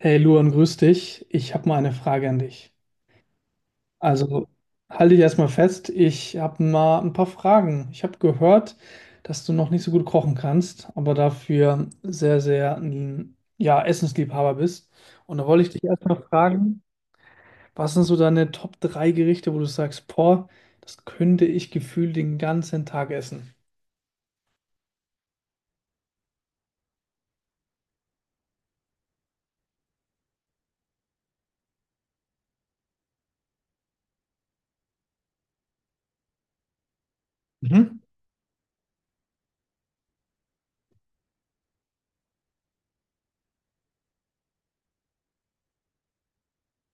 Hey Luan, grüß dich. Ich habe mal eine Frage an dich. Also, halte dich erstmal fest, ich habe mal ein paar Fragen. Ich habe gehört, dass du noch nicht so gut kochen kannst, aber dafür sehr, sehr ein ja, Essensliebhaber bist. Und da wollte ich dich erstmal fragen, was sind so deine Top 3 Gerichte, wo du sagst, boah, das könnte ich gefühlt den ganzen Tag essen? Mhm.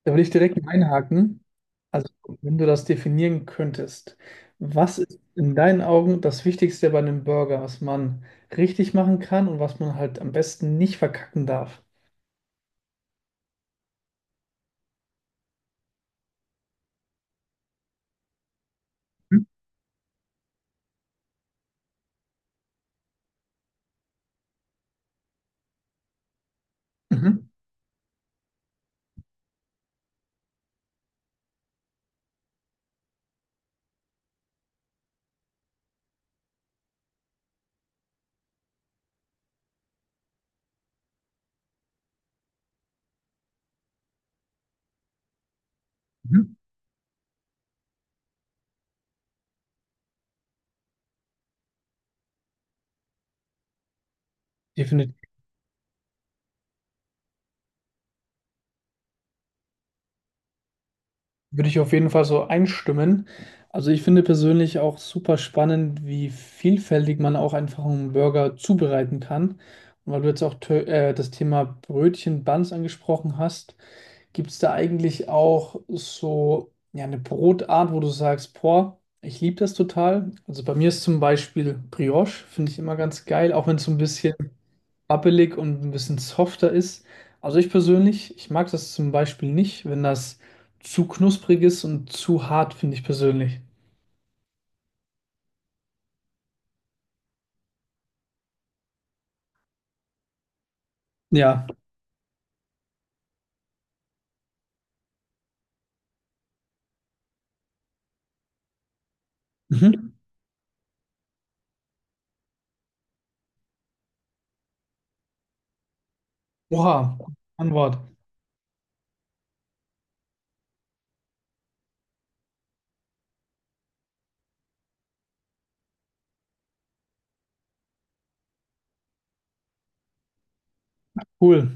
Da würde ich direkt mal einhaken. Also, wenn du das definieren könntest, was ist in deinen Augen das Wichtigste bei einem Burger, was man richtig machen kann und was man halt am besten nicht verkacken darf? Mhm. Mhm. Mhm. Definitiv. Würde ich auf jeden Fall so einstimmen. Also, ich finde persönlich auch super spannend, wie vielfältig man auch einfach einen Burger zubereiten kann. Und weil du jetzt auch das Thema Brötchen, Buns angesprochen hast, gibt es da eigentlich auch so ja, eine Brotart, wo du sagst, boah, ich liebe das total? Also bei mir ist zum Beispiel Brioche, finde ich immer ganz geil, auch wenn es so ein bisschen wabbelig und ein bisschen softer ist. Also ich persönlich, ich mag das zum Beispiel nicht, wenn das zu knusprig ist und zu hart, finde ich persönlich. Ja. Mhm. Oha, Antwort. Cool.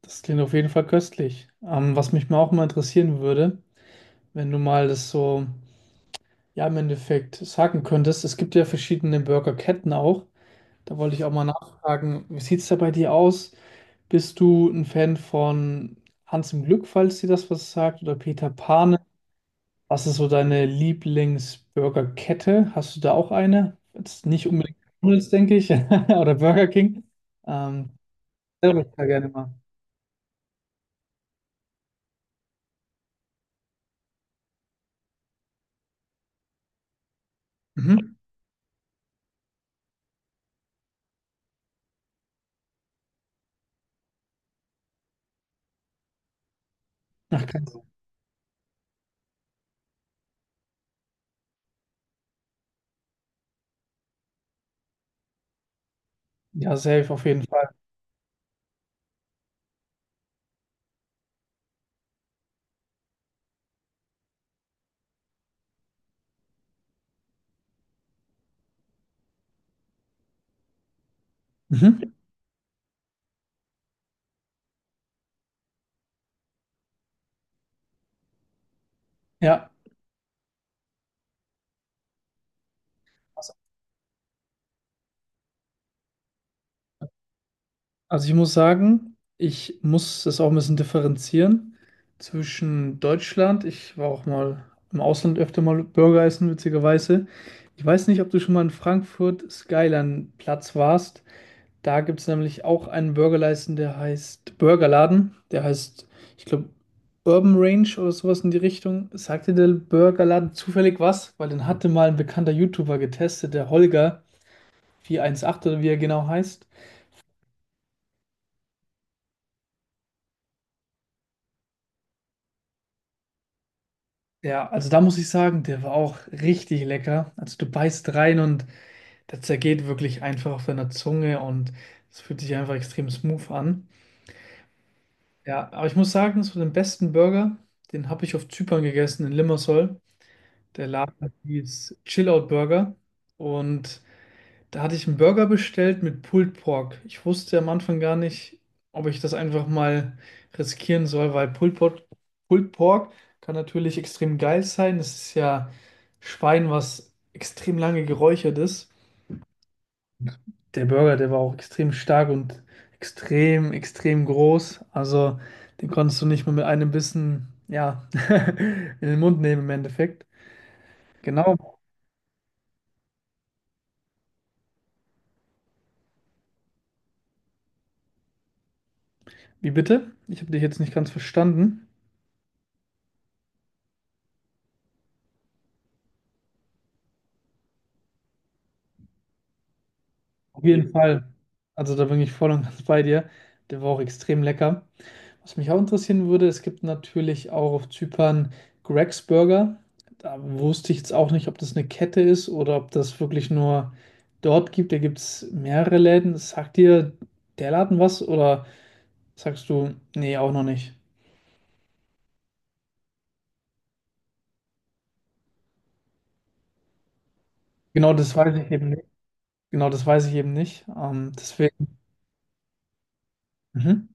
Das klingt auf jeden Fall köstlich. Was mich mal auch mal interessieren würde, wenn du mal das so ja im Endeffekt sagen könntest. Es gibt ja verschiedene Burgerketten auch. Da wollte ich auch mal nachfragen, wie sieht es da bei dir aus? Bist du ein Fan von Hans im Glück, falls dir das was sagt, oder Peter Pane? Was ist so deine Lieblingsburgerkette? Hast du da auch eine? Jetzt nicht unbedingt McDonald's, denke ich, oder Burger King. Ähm, selber ich da gerne mal. Mhm. Ach, krass. Ja, safe auf jeden Fall. Mhm. Ja. Also ich muss sagen, ich muss das auch ein bisschen differenzieren zwischen Deutschland. Ich war auch mal im Ausland öfter mal Burger essen, witzigerweise. Ich weiß nicht, ob du schon mal in Frankfurt Skyline Platz warst. Da gibt es nämlich auch einen Burgerladen. Der heißt, ich glaube, Urban Range oder sowas in die Richtung. Sagte der Burgerladen zufällig was? Weil den hatte mal ein bekannter YouTuber getestet, der Holger 418 oder wie er genau heißt. Ja, also da muss ich sagen, der war auch richtig lecker. Also du beißt rein und der zergeht wirklich einfach auf deiner Zunge und es fühlt sich einfach extrem smooth an. Ja, aber ich muss sagen, so den besten Burger, den habe ich auf Zypern gegessen, in Limassol. Der Laden hieß Chill Out Burger und da hatte ich einen Burger bestellt mit Pulled Pork. Ich wusste am Anfang gar nicht, ob ich das einfach mal riskieren soll, weil Pulled Pork kann natürlich extrem geil sein. Es ist ja Schwein, was extrem lange geräuchert ist. Der Burger, der war auch extrem stark und extrem, extrem groß. Also den konntest du nicht mal mit einem Bissen, ja, in den Mund nehmen im Endeffekt. Genau. Wie bitte? Ich habe dich jetzt nicht ganz verstanden. Auf jeden Fall. Also da bin ich voll und ganz bei dir. Der war auch extrem lecker. Was mich auch interessieren würde, es gibt natürlich auch auf Zypern Greg's Burger. Da wusste ich jetzt auch nicht, ob das eine Kette ist oder ob das wirklich nur dort gibt. Da gibt es mehrere Läden. Sagt dir der Laden was oder sagst du, nee, auch noch nicht? Genau das weiß ich eben nicht. Genau das weiß ich eben nicht. Mhm.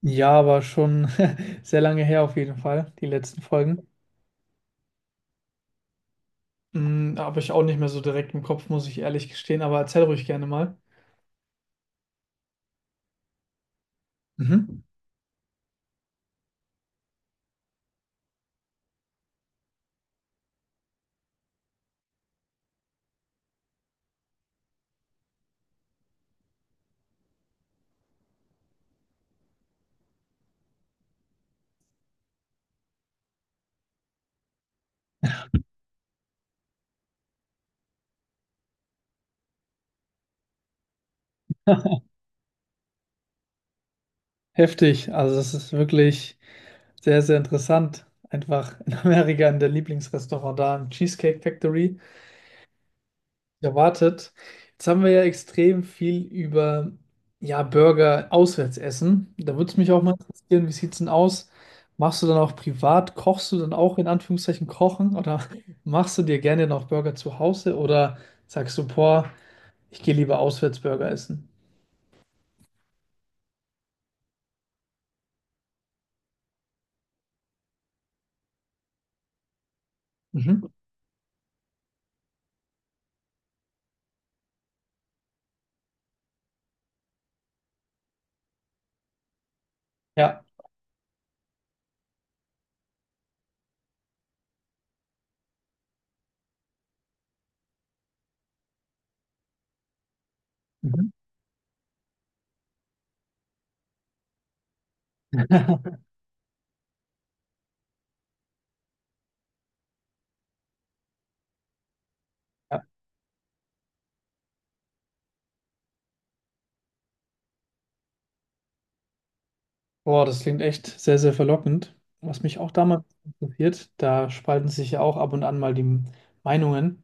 Ja, aber schon sehr lange her auf jeden Fall, die letzten Folgen. Hm, habe ich auch nicht mehr so direkt im Kopf, muss ich ehrlich gestehen, aber erzähl ruhig gerne mal. Mhm. Heftig. Also es ist wirklich sehr, sehr interessant. Einfach in Amerika in der Lieblingsrestaurant da, im Cheesecake Factory, erwartet. Jetzt haben wir ja extrem viel über ja, Burger auswärts essen. Da würde es mich auch mal interessieren, wie sieht es denn aus? Machst du dann auch privat, kochst du dann auch in Anführungszeichen kochen oder machst du dir gerne noch Burger zu Hause oder sagst du, boah, ich gehe lieber Auswärts-Burger essen. Mhm. Ja. Mhm. Ja. Boah, das klingt echt sehr, sehr verlockend. Was mich auch damals interessiert, da spalten sich ja auch ab und an mal die Meinungen,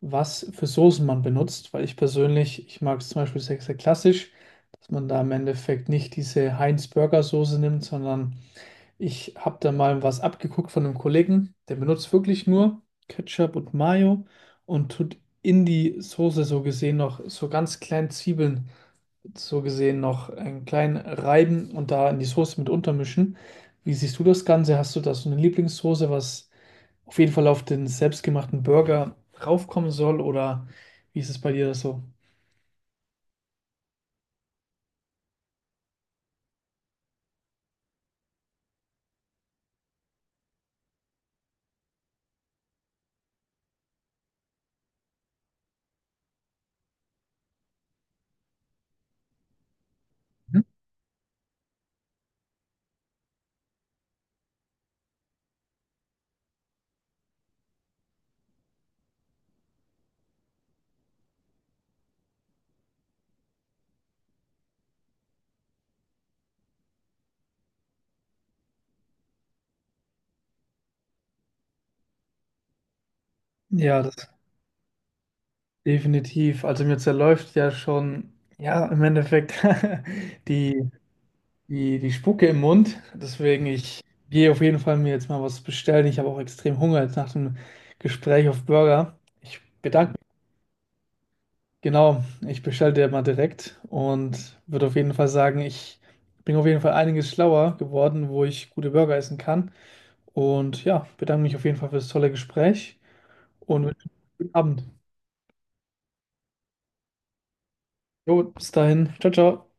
was für Soßen man benutzt, weil ich persönlich, ich mag es zum Beispiel sehr, sehr klassisch, dass man da im Endeffekt nicht diese Heinz-Burger-Soße nimmt, sondern ich habe da mal was abgeguckt von einem Kollegen, der benutzt wirklich nur Ketchup und Mayo und tut in die Soße so gesehen noch so ganz kleinen Zwiebeln, so gesehen noch einen kleinen reiben und da in die Soße mit untermischen. Wie siehst du das Ganze? Hast du da so eine Lieblingssoße, was auf jeden Fall auf den selbstgemachten Burger raufkommen soll oder wie ist es bei dir so? Mhm. Ja, das definitiv. Also mir zerläuft ja schon, ja, im Endeffekt die die, die Spucke im Mund. Deswegen, ich gehe auf jeden Fall mir jetzt mal was bestellen. Ich habe auch extrem Hunger jetzt nach dem Gespräch auf Burger. Ich bedanke mich. Genau, ich bestelle dir mal direkt und würde auf jeden Fall sagen, ich bin auf jeden Fall einiges schlauer geworden, wo ich gute Burger essen kann. Und ja, bedanke mich auf jeden Fall für das tolle Gespräch und wünsche einen guten Abend. Jo, bis dahin. Ciao, ciao.